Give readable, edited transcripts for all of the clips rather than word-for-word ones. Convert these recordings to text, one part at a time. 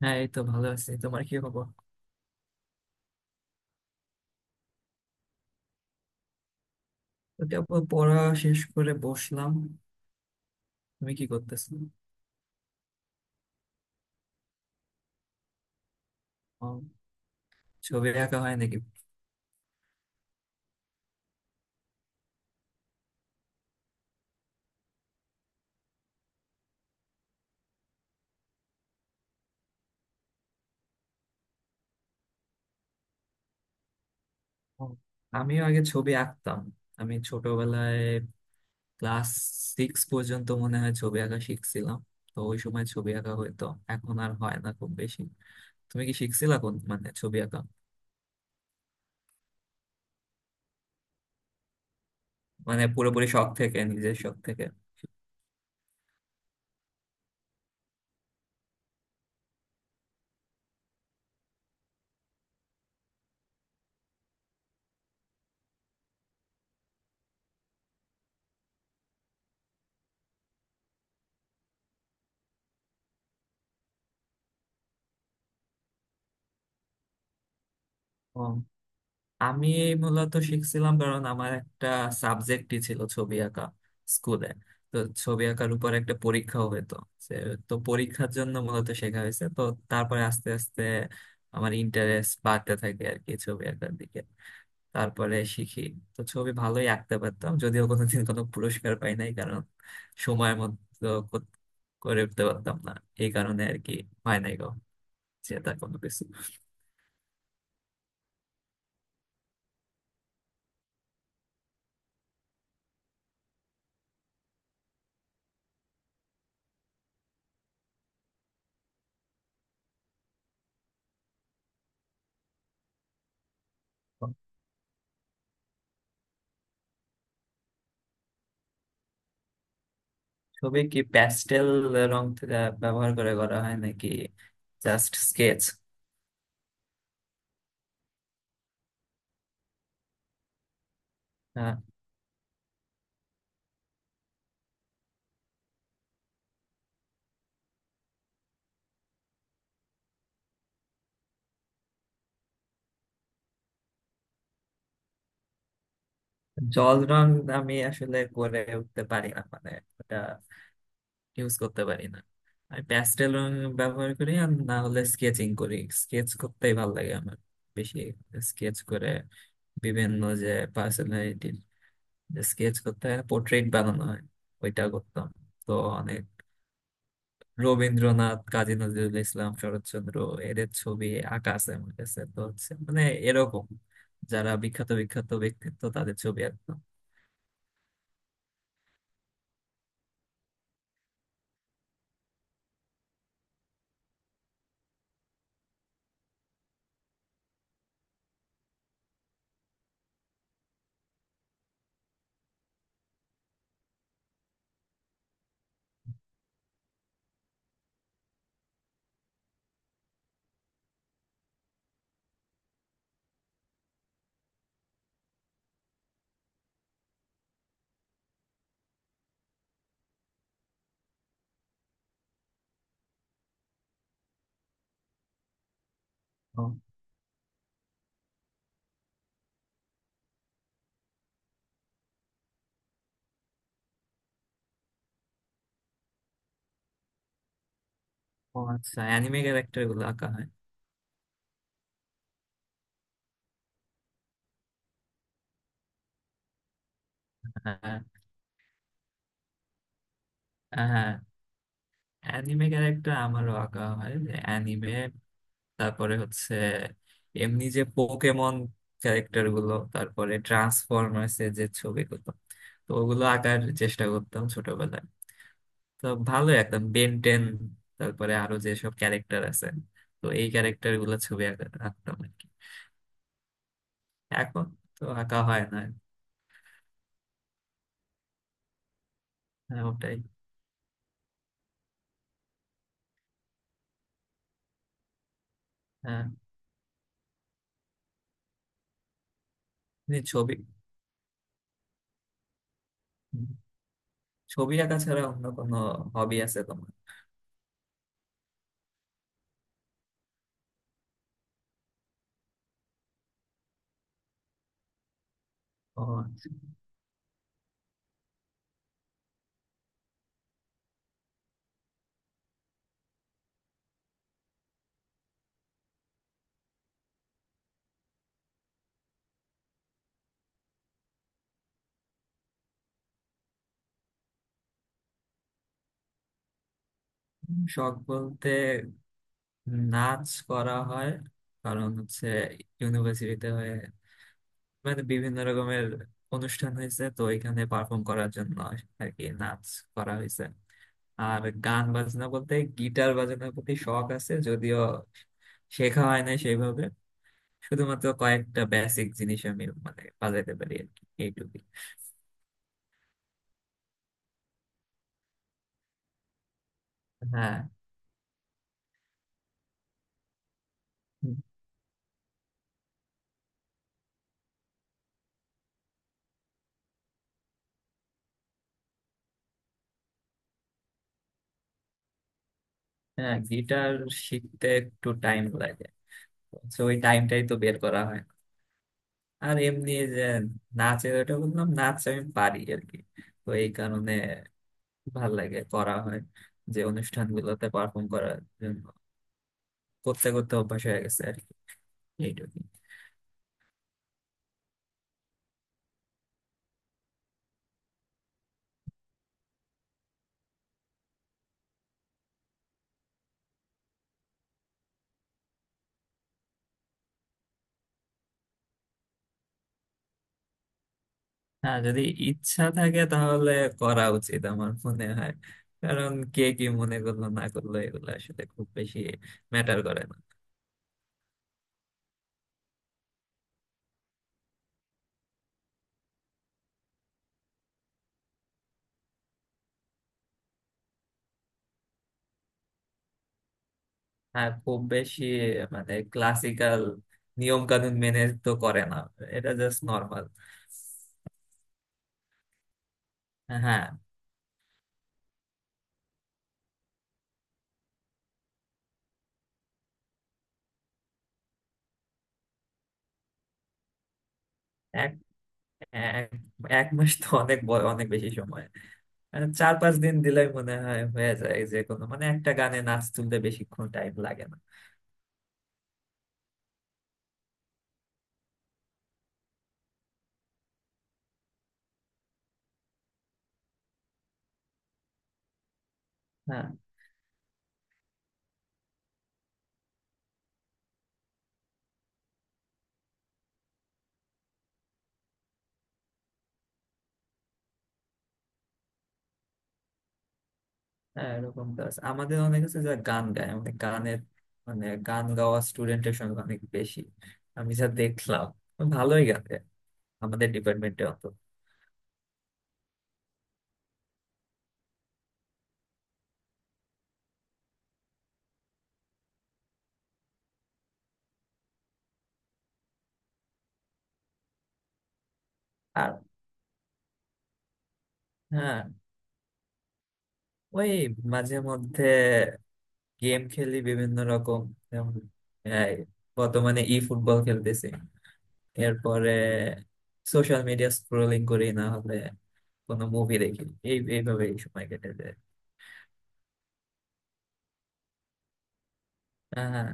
হ্যাঁ, এই তো ভালো আছি। তোমার কি খবর? ওকে আপু, পড়া শেষ করে বসলাম। তুমি কি করতেছো? ও, ছবি আঁকা হয় নাকি? ও, আমিও আগে ছবি আঁকতাম। আমি ছোটবেলায় ক্লাস সিক্স পর্যন্ত মনে হয় ছবি আঁকা শিখছিলাম। তো ওই সময় ছবি আঁকা হইতো, এখন আর হয় না খুব বেশি। তুমি কি শিখছিলা কোন, মানে ছবি আঁকা? মানে পুরোপুরি শখ থেকে, নিজের শখ থেকে? আমি মূলত শিখছিলাম কারণ আমার একটা সাবজেক্টই ছিল ছবি আঁকা, স্কুলে। তো ছবি আঁকার উপর একটা পরীক্ষাও হতো। সে- তো পরীক্ষার জন্য মূলত শেখা হয়েছে। তো তারপরে আস্তে আস্তে আমার ইন্টারেস্ট বাড়তে থাকে আর কি ছবি আঁকার দিকে। তারপরে শিখি। তো ছবি ভালোই আঁকতে পারতাম যদিও কোনোদিন কোনো পুরস্কার পাই নাই কারণ সময় মতো করে উঠতে পারতাম না, এই কারণে আর কি। হয় নাই গো সেটা কোনো কিছু। ছবি কি প্যাস্টেল রং থেকে ব্যবহার করে করা হয় নাকি জাস্ট স্কেচ? জল রং আমি আসলে করে উঠতে পারি না, মানে ওটা ইউজ করতে পারি না। আমি প্যাস্টেল রং ব্যবহার করি আর না হলে স্কেচিং করি। স্কেচ করতেই ভালো লাগে আমার বেশি। স্কেচ করে বিভিন্ন যে পার্সোনালিটি স্কেচ করতে হয়, পোর্ট্রেট বানানো হয়, ওইটা করতাম। তো অনেক রবীন্দ্রনাথ, কাজী নজরুল ইসলাম, শরৎচন্দ্র, এদের ছবি আঁকা আছে আমার কাছে। তো হচ্ছে মানে এরকম যারা বিখ্যাত বিখ্যাত ব্যক্তিত্ব তাদের ছবি আঁকতাম। ও। ও আচ্ছা, অ্যানিমে ক্যারেক্টার গুলো আঁকা হয়? হ্যাঁ, হ্যাঁ, অ্যানিমে ক্যারেক্টার আমারও আঁকা হয়। অ্যানিমে, তারপরে হচ্ছে এমনি যে পোকেমন ক্যারেক্টার গুলো, তারপরে ট্রান্সফরমার্স এর যে ছবিগুলো, তো ওগুলো আঁকার চেষ্টা করতাম ছোটবেলায়। তো ভালো, একদম বেন টেন, তারপরে আরো যেসব ক্যারেক্টার আছে, তো এই ক্যারেক্টার গুলো আঁকতাম আর কি। এখন তো আঁকা হয় না। হ্যাঁ, ওটাই। হ্যাঁ, এই ছবি। হুম। ছবি আঁকা ছাড়া অন্য কোনো হবি আছে তোমার? ও আচ্ছা। শখ বলতে, নাচ করা হয়। কারণ হচ্ছে ইউনিভার্সিটিতে হয় মানে বিভিন্ন রকমের অনুষ্ঠান হয়েছে তো, এখানে পারফর্ম করার জন্য আর কি নাচ করা হয়েছে। আর গান বাজনা বলতে গিটার বাজানোর প্রতি শখ আছে যদিও শেখা হয় না সেইভাবে। শুধুমাত্র কয়েকটা বেসিক জিনিস আমি মানে বাজাইতে পারি আর কি, এইটুকুই। হ্যাঁ। হ্যাঁ, গিটার শিখতে একটু টাইম লাগে, তো ওই টাইমটাই তো বের করা হয় না। আর এমনি যে নাচের, ওটা বললাম নাচ আমি পারি আর কি, তো এই কারণে ভাল লাগে, করা হয় যে অনুষ্ঠানগুলোতে পারফর্ম করার জন্য। করতে করতে অভ্যাস হয়ে গেছে আর কি, এইটুকুই। হ্যাঁ, যদি ইচ্ছা থাকে তাহলে করা উচিত আমার মনে হয়। কারণ কে কি মনে করলো না করলো এগুলো আসলে খুব বেশি ম্যাটার করে না। হ্যাঁ খুব বেশি, মানে ক্লাসিক্যাল নিয়ম কানুন মেনে তো করে না। এটা জাস্ট নর্মাল। হ্যাঁ। হ্যাঁ। এক এক মাস তো অনেক বড়, অনেক বেশি সময়। মানে চার পাঁচ দিন দিলেই মনে হয় হয়ে যায় যে কোনো, মানে একটা গানে নাচ তুলতে বেশিক্ষণ টাইম লাগে না। হ্যাঁ। হ্যাঁ, এরকম তো আছে। আমাদের অনেক আছে যারা গান গায়, মানে গানের, মানে গান গাওয়া স্টুডেন্টের সংখ্যা অনেক বেশি আমি যা দেখলাম। ভালোই গান গায় আমাদের ডিপার্টমেন্টে অত। আর হ্যাঁ, ওই মাঝে মধ্যে গেম খেলি বিভিন্ন রকম। যেমন এই, বর্তমানে ই ফুটবল খেলতেছি। এরপরে সোশ্যাল মিডিয়া স্ক্রোলিং করি, না হলে কোনো মুভি দেখি। এই এইভাবেই সময় কেটে যায়। হ্যাঁ।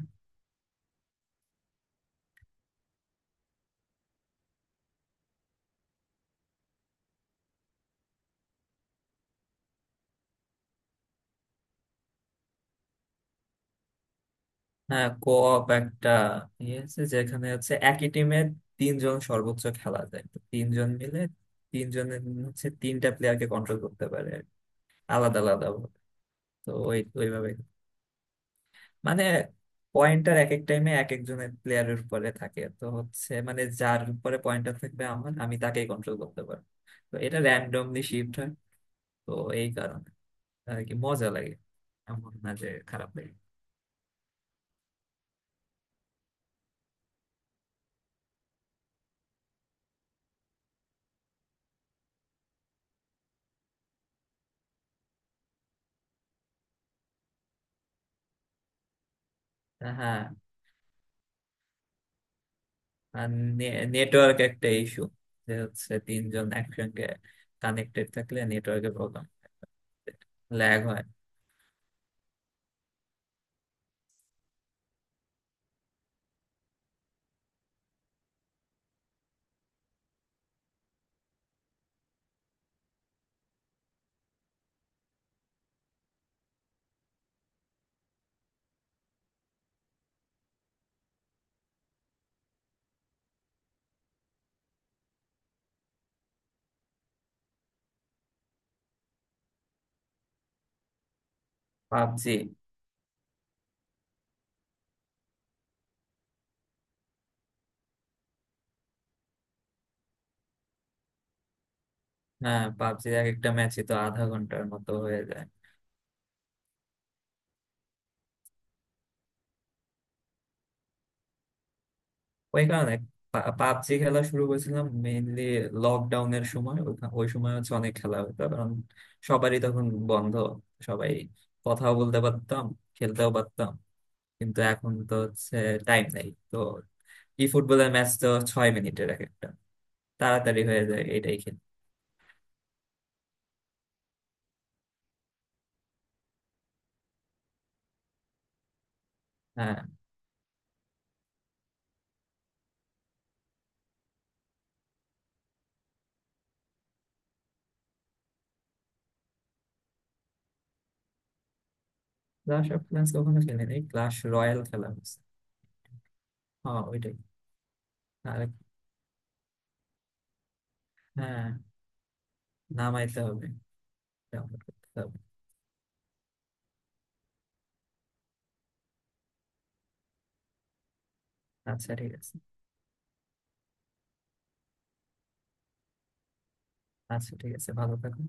হ্যাঁ, কোঅপ একটা ইয়ে আছে যেখানে হচ্ছে একই টিমের তিনজন সর্বোচ্চ খেলা যায়, তো তিনজন মিলে তিনজনের হচ্ছে তিনটা প্লেয়ারকে কন্ট্রোল করতে পারে আর কি, আলাদা আলাদা ভাবে। তো ওই ওইভাবে মানে পয়েন্টার এক এক টাইমে এক একজনের প্লেয়ারের উপরে থাকে, তো হচ্ছে মানে যার উপরে পয়েন্টার থাকবে আমার আমি তাকেই কন্ট্রোল করতে পারবো। তো এটা র্যান্ডমলি শিফট হয়। তো এই কারণে আর কি মজা লাগে। এমন না যে খারাপ লাগে। তা হ্যাঁ। আর নেটওয়ার্ক একটা ইস্যু, যে হচ্ছে তিনজন একসঙ্গে কানেক্টেড থাকলে নেটওয়ার্কে প্রবলেম, ল্যাগ হয়। পাবজি। হ্যাঁ, পাবজি এক একটা ম্যাচে তো আধা ঘন্টার মতো হয়ে যায়। ওই কারণে পাবজি খেলা শুরু করেছিলাম মেইনলি লকডাউনের সময়। ওই সময় হচ্ছে অনেক খেলা হতো কারণ সবারই তখন বন্ধ, সবাই কথাও বলতে পারতাম, খেলতেও পারতাম। কিন্তু এখন তো হচ্ছে টাইম নেই তো। ই ফুটবলের ম্যাচ তো 6 মিনিটের এক একটা, তাড়াতাড়ি হয়ে যায়, এটাই খেলি। হ্যাঁ, ক্লাশ অফ ক্লান্স কখনো খেলি নাই, ক্লাশ রয়্যাল খেলা হয়েছে। হ্যাঁ, ওইটাই। আর হ্যাঁ, নামাইতে হবে, ডাউনলোড করতে হবে। আচ্ছা ঠিক আছে। আচ্ছা ঠিক আছে, ভালো থাকো।